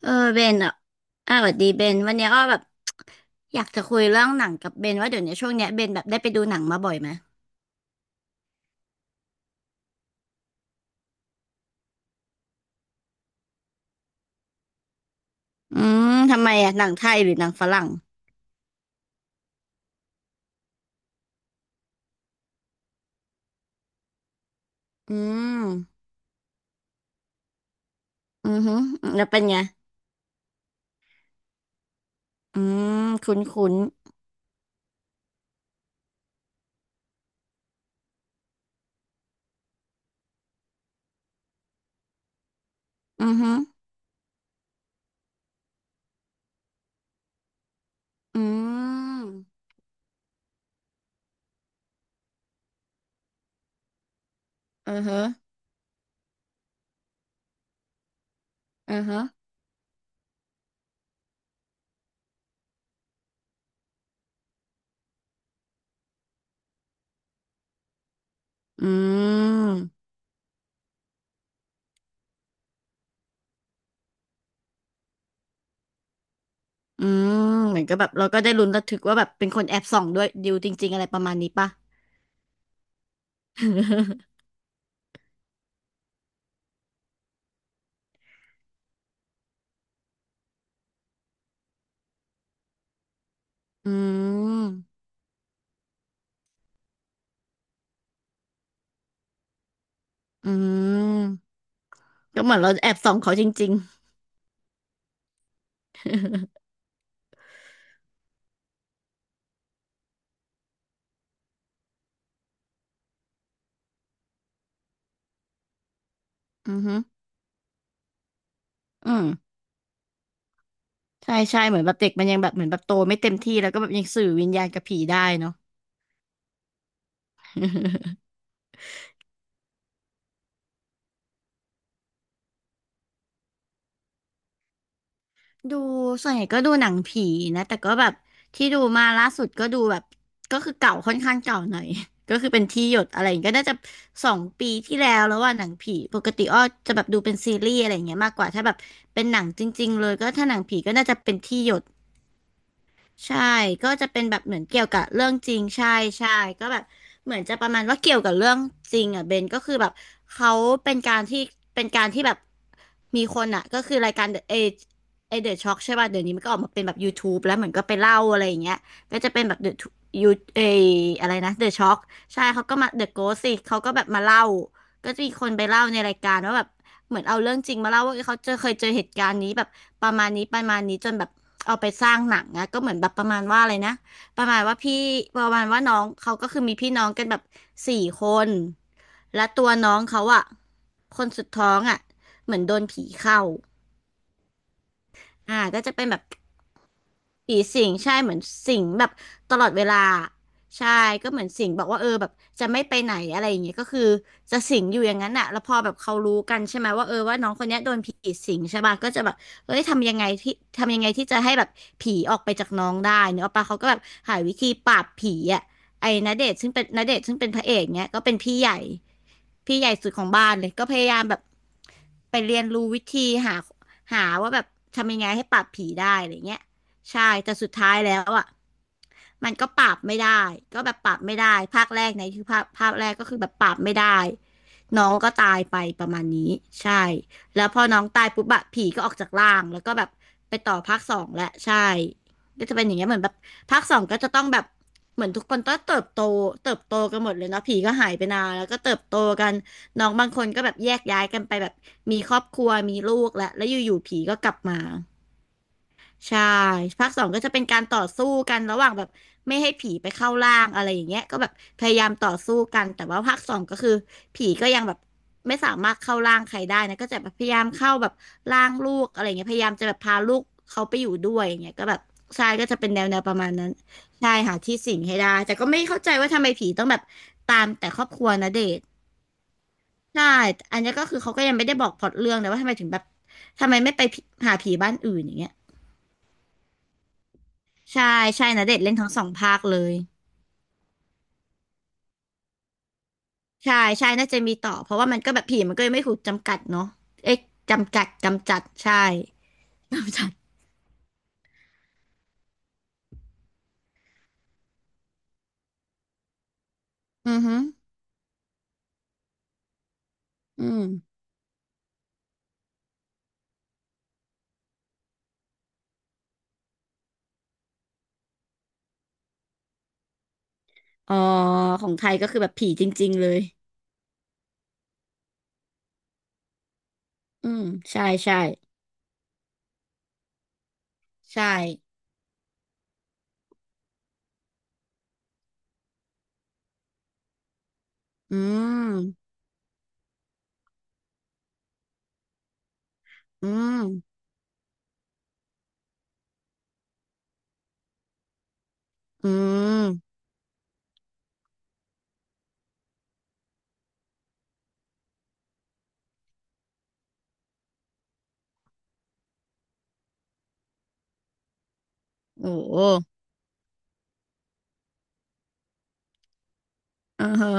เออเบนอ่ะอ่ะสวัสดีเบนวันเนี้ยอ้อแบบอยากจะคุยเรื่องหนังกับเบนว่าเดี๋ยวเนี้ยช่วงเนี้ยเบนแบบได้ไปดูหนังมาบ่อยไหมอืมทำไมอ่ะหนังไทยหรือหนังฝรั่งอืมอือฮึแล้วเป็นไงอืมคุ้นคุ้นอือฮึอืมอือฮึอือฮึอืมอืมเหมือนก็แบบเราก็ได้ลุ้นระทึกว่าแบบเป็นคนแอบส่องด้วยดิวจริงๆอะไรประมาณนี้ปะ อืมอืมก็เหมือนเราแอบส่องเขาจริงๆอือฮึอืม ใช่ใช่เหมือนแบบเด็กมันยังแบบเหมือนแบบโตไม่เต็มที่แล้วก็แบบยังสื่อวิญญาณกับผีได้เนาะ ดูส่วนใหญ่ก็ดูหนังผีนะแต่ก็แบบที่ดูมาล่าสุดก็ดูแบบก็คือเก่าค่อนข้างเก่าหน่อย ก็คือเป็นที่หยดอะไรอย่างเงี้ยก็น่าจะสองปีที่แล้วแล้วว่าหนังผีปกติอ้อจะแบบดูเป็นซีรีส์อะไรอย่างเงี้ยมากกว่าถ้าแบบเป็นหนังจริงๆเลยก็ถ้าหนังผีก็น่าจะเป็นที่หยด ใช่ ก็จะเป็นแบบเหมือนเกี่ยวกับเรื่องจริงใช่ใช่ก็แบบเหมือนจะประมาณว่าเกี่ยวกับเรื่องจริงอ่ะเบนก็คือแบบเขาเป็นการที่เป็นการที่แบบมีคนอ่ะก็คือรายการเอเดอะช็อกใช่ป่ะเดี๋ยวนี้มันก็ออกมาเป็นแบบ YouTube แล้วเหมือนก็ไปเล่าอะไรอย่างเงี้ยก็จะเป็นแบบเดอะยูเออะไรนะเดอะช็อกใช่เขาก็มาเดอะโกสิเขาก็แบบมาเล่าก็จะมีคนไปเล่าในรายการว่าแบบ เหมือนเอาเรื่องจริงมาเล่าว่าเอ้ยเขาเจอเคยเจอเหตุการณ์นี้แบบประมาณนี้ประมาณนี้จนแบบเอาไปสร้างหนังนะก็เหมือนแบบประมาณว่าอะไรนะประมาณว่าพี่ประมาณว่าน้องเขาก็คือมีพี่น้องกันแบบสี่คนและตัวน้องเขาอะคนสุดท้องอะเหมือนโดนผีเข้าอ่าก็จะเป็นแบบ ผีสิงใช่เหมือนสิงแบบตลอดเวลาใช่ก็เหมือนสิงบอกว่าเออแบบจะไม่ไปไหนอะไรอย่างเงี้ยก็คือจะสิงอยู่อย่างนั้นอะแล้วพอแบบเขารู้กันใช่ไหมว่าเออว่าน้องคนเนี้ยโดนผีสิงใช่ป่ะก็จะแบบเอ้ยทำยังไงที่จะให้แบบผีออกไปจากน้องได้เนอะป่ะเขาก็แบบหาวิธีปราบผีอะไอ้ณเดชน์ซึ่งเป็นณเดชน์ซึ่งเป็นพระเอกเนี้ยก็เป็นพี่ใหญ่สุดของบ้านเลยก็พยายามแบบไปเรียนรู้วิธีหาหาว่าแบบทำยังไงให้ปราบผีได้อะไรเงี้ย ใช่แต่สุดท้ายแล้วอ่ะมันก็ปราบไม่ได้ก็แบบปรับไม่ได้ภาคแรกในคือภาคแรกก็คือแบบปรับไม่ได้น้องก็ตายไปประมาณนี้ใช่แล้วพอน้องตายปุ๊บอะผีก็ออกจากร่างแล้วก็แบบไปต่อภาคสองแหละใช่ก็จะเป็นอย่างเงี้ยเหมือนแบบภาคสองก็จะต้องแบบเหมือนทุกคนต้องเติบโตเติบโตกันหมดเลยเนาะผีก็หายไปนานแล้วก็เติบโตกันน้องบางคนก็แบบแยกย้ายกันไปแบบมีครอบครัวมีลูกแล้วอยู่ๆผีก็กลับมา ใช่ภาคสองก็จะเป็นการต่อสู้กันระหว่างแบบไม่ให้ผีไปเข้าร่างอะไรอย่างเงี้ยก็แบบพยายามต่อสู้กันแต่ว่าภาคสองก็คือผีก็ยังแบบไม่สามารถเข้าร่างใครได้นะก็จะแบบพยายามเข้าแบบร่างลูกอะไรอย่างเงี้ยพยายามจะแบบพาลูกเขาไปอยู่ด้วยอย่างเงี้ยก็แบบใช่ก็จะเป็นแนวประมาณนั้นใช่หาที่สิงให้ได้แต่ก็ไม่เข้าใจว่าทำไมผีต้องแบบตามแต่ครอบครัวณเดชน์ใช่อันนี้ก็คือเขาก็ยังไม่ได้บอกพล็อตเรื่องนะว่าทำไมถึงแบบทำไมไม่ไปผีหาผีบ้านอื่นอย่างเงี้ย ใช่ใช่ณเดชน์เล่นทั้งสองภาคเลยใช่ใช่น่าจะมีต่อเพราะว่ามันก็แบบผีมันก็ยังไม่ถูกจำกัดเนาะเอ๊ะจำกัดกำจัดใช่กำจัดอือฮึอืมอ๋อของไทยก็คือแบบผีจริงๆเลยอืมใช่ใช่ใช่อืมอืมอืมโอ้โหอือฮะ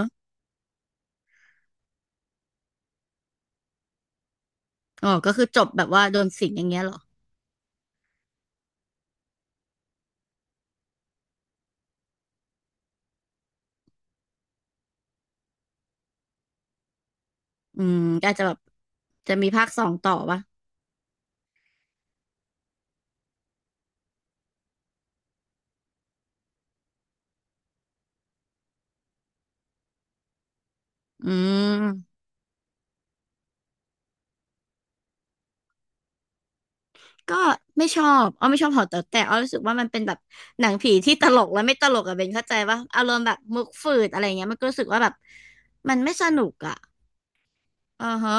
อ๋อก็คือจบแบบว่าโดนสิงอย่างเงี้ยเหรออืมก็อาจจะแบบจะมีภาคสองต่อปะอืม ก็ไม่ชอบอ้อไม่ชอบหอแต๋วแต่อ้อรู้สึกว่ามันเป็นแบบหนังผีที่ตลกและไม่ตลกอะเบนเข้าใจว่าอารมณ์แบบมุกฝืดอะไรเงี้ยมันก็รู้สึกว่าแบบมันไม่สนุกอะอือฮะ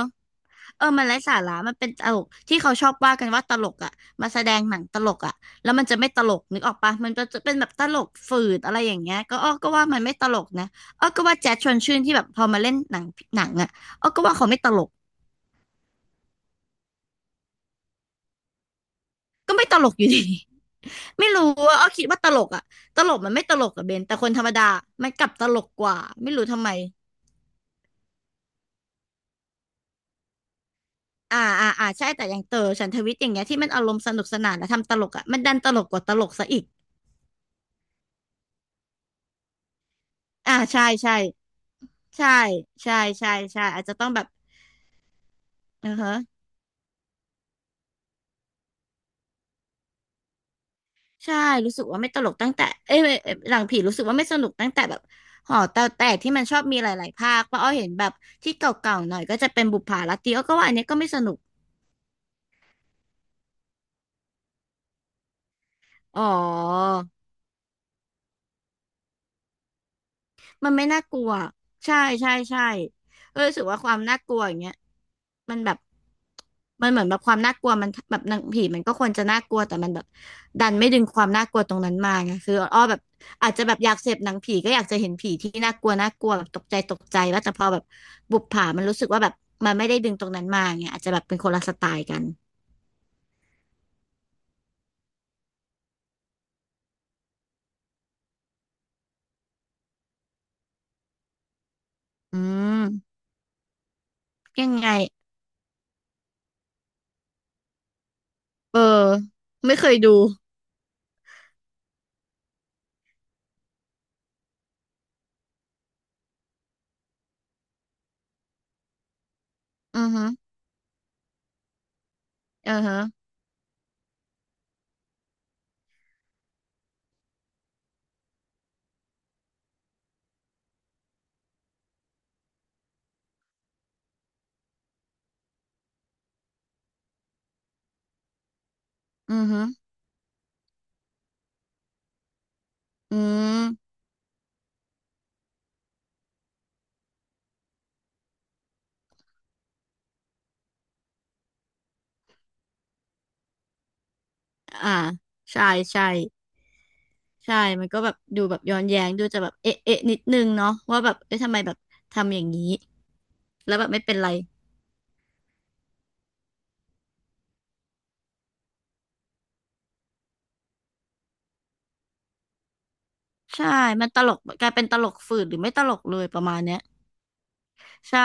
เออมันไร้สาระมันเป็นตลกที่เขาชอบว่ากันว่าตลกอะมาแสดงหนังตลกอะแล้วมันจะไม่ตลกนึกออกปะมันก็จะเป็นแบบตลกฝืดอะไรอย่างเงี้ยก็อ้อก็ว่ามันไม่ตลกนะอ้อก็ว่าแจ๊สชวนชื่นที่แบบพอมาเล่นหนังอะอ้อก็ว่าเขาไม่ตลกก็ไม่ตลกอยู่ดี ไม่รู้ว่าอ้อคิดว่าตลกอะตลกมันไม่ตลกอะเบนแต่คนธรรมดามันกลับตลกกว่าไม่รู้ทำไมอ่าอ่าอ่าใช่แต่อย่างเต๋อฉันทวิทย์อย่างเงี้ยที่มันอารมณ์สนุกสนานและทำตลกอะมันดันตลกกว่าตลกซะอีกอ่าใช่ใช่ใช่ใช่ใช่ใช่อาจจะต้องแบบเออฮะใช่รู้สึกว่าไม่ตลกตั้งแต่เอ้ยเอ้ยหลังผีรู้สึกว่าไม่สนุกตั้งแต่แบบหอแต่ที่มันชอบมีหลายๆภาคเพราะอ้อเห็นแบบที่เก่าๆหน่อยก็จะเป็นบุปผาลัตตีอ้อก็ว่าอันเนี้ยก็ไม่สนุกอ๋อ มันไม่น่ากลัวใช่ใช่ใช่เออรู้สึกว่าความน่ากลัวอย่างเงี้ยมันแบบเหมือนแบบความน่ากลัวมันแบบหนังผีมันก็ควรจะน่ากลัวแต่มันแบบดันไม่ดึงความน่ากลัวตรงนั้นมาไงคืออ้อแบบอาจจะแบบอยากเสพหนังผีก็อยากจะเห็นผีที่น่ากลัวน่ากลัวแบบตกใจตกใจว่าแต่พอแบบบุปผามันรู้สึกว่าแบบมันไม่ได้ดึงตรงนั้นมาไงอาจจะแบบเป็นคนละสไตล์กันอืมยังไงเออไม่เคยดูอือฮึอือฮึอือฮึอืม อ่าใช่ใช่ใช่มันก็แบบดูแบบย้อนแย้งดูจะแบบเอ๊ะเอ๊ะนิดนึงเนาะว่าแบบเอ๊ะทำไมแบบทำอย่างนี้แล้วแบบไม่เป็นไรใช่มันตลกกลายเป็นตลกฝืดหรือไม่ตลกเลยประมาณเนี้ยใช่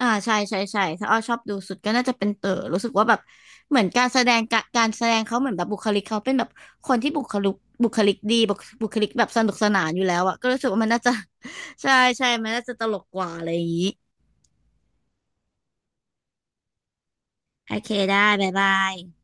อ่าใช่ใช่ใช่ถ้าอ้อชอบดูสุดก็น่าจะเป็นเต๋อรู้สึกว่าแบบเหมือนการแสดงกะการแสดงเขาเหมือนแบบบุคลิกเขาเป็นแบบคนที่บุคลิกดีบุคลิกแบบสนุกสนานอยู่แล้วอะก็รู้สึกว่ามันน่าจะ ใช่ใช่มันน่าจะตลกกว่าอะไรอย่างนี้โอเคได้บ๊ายบาย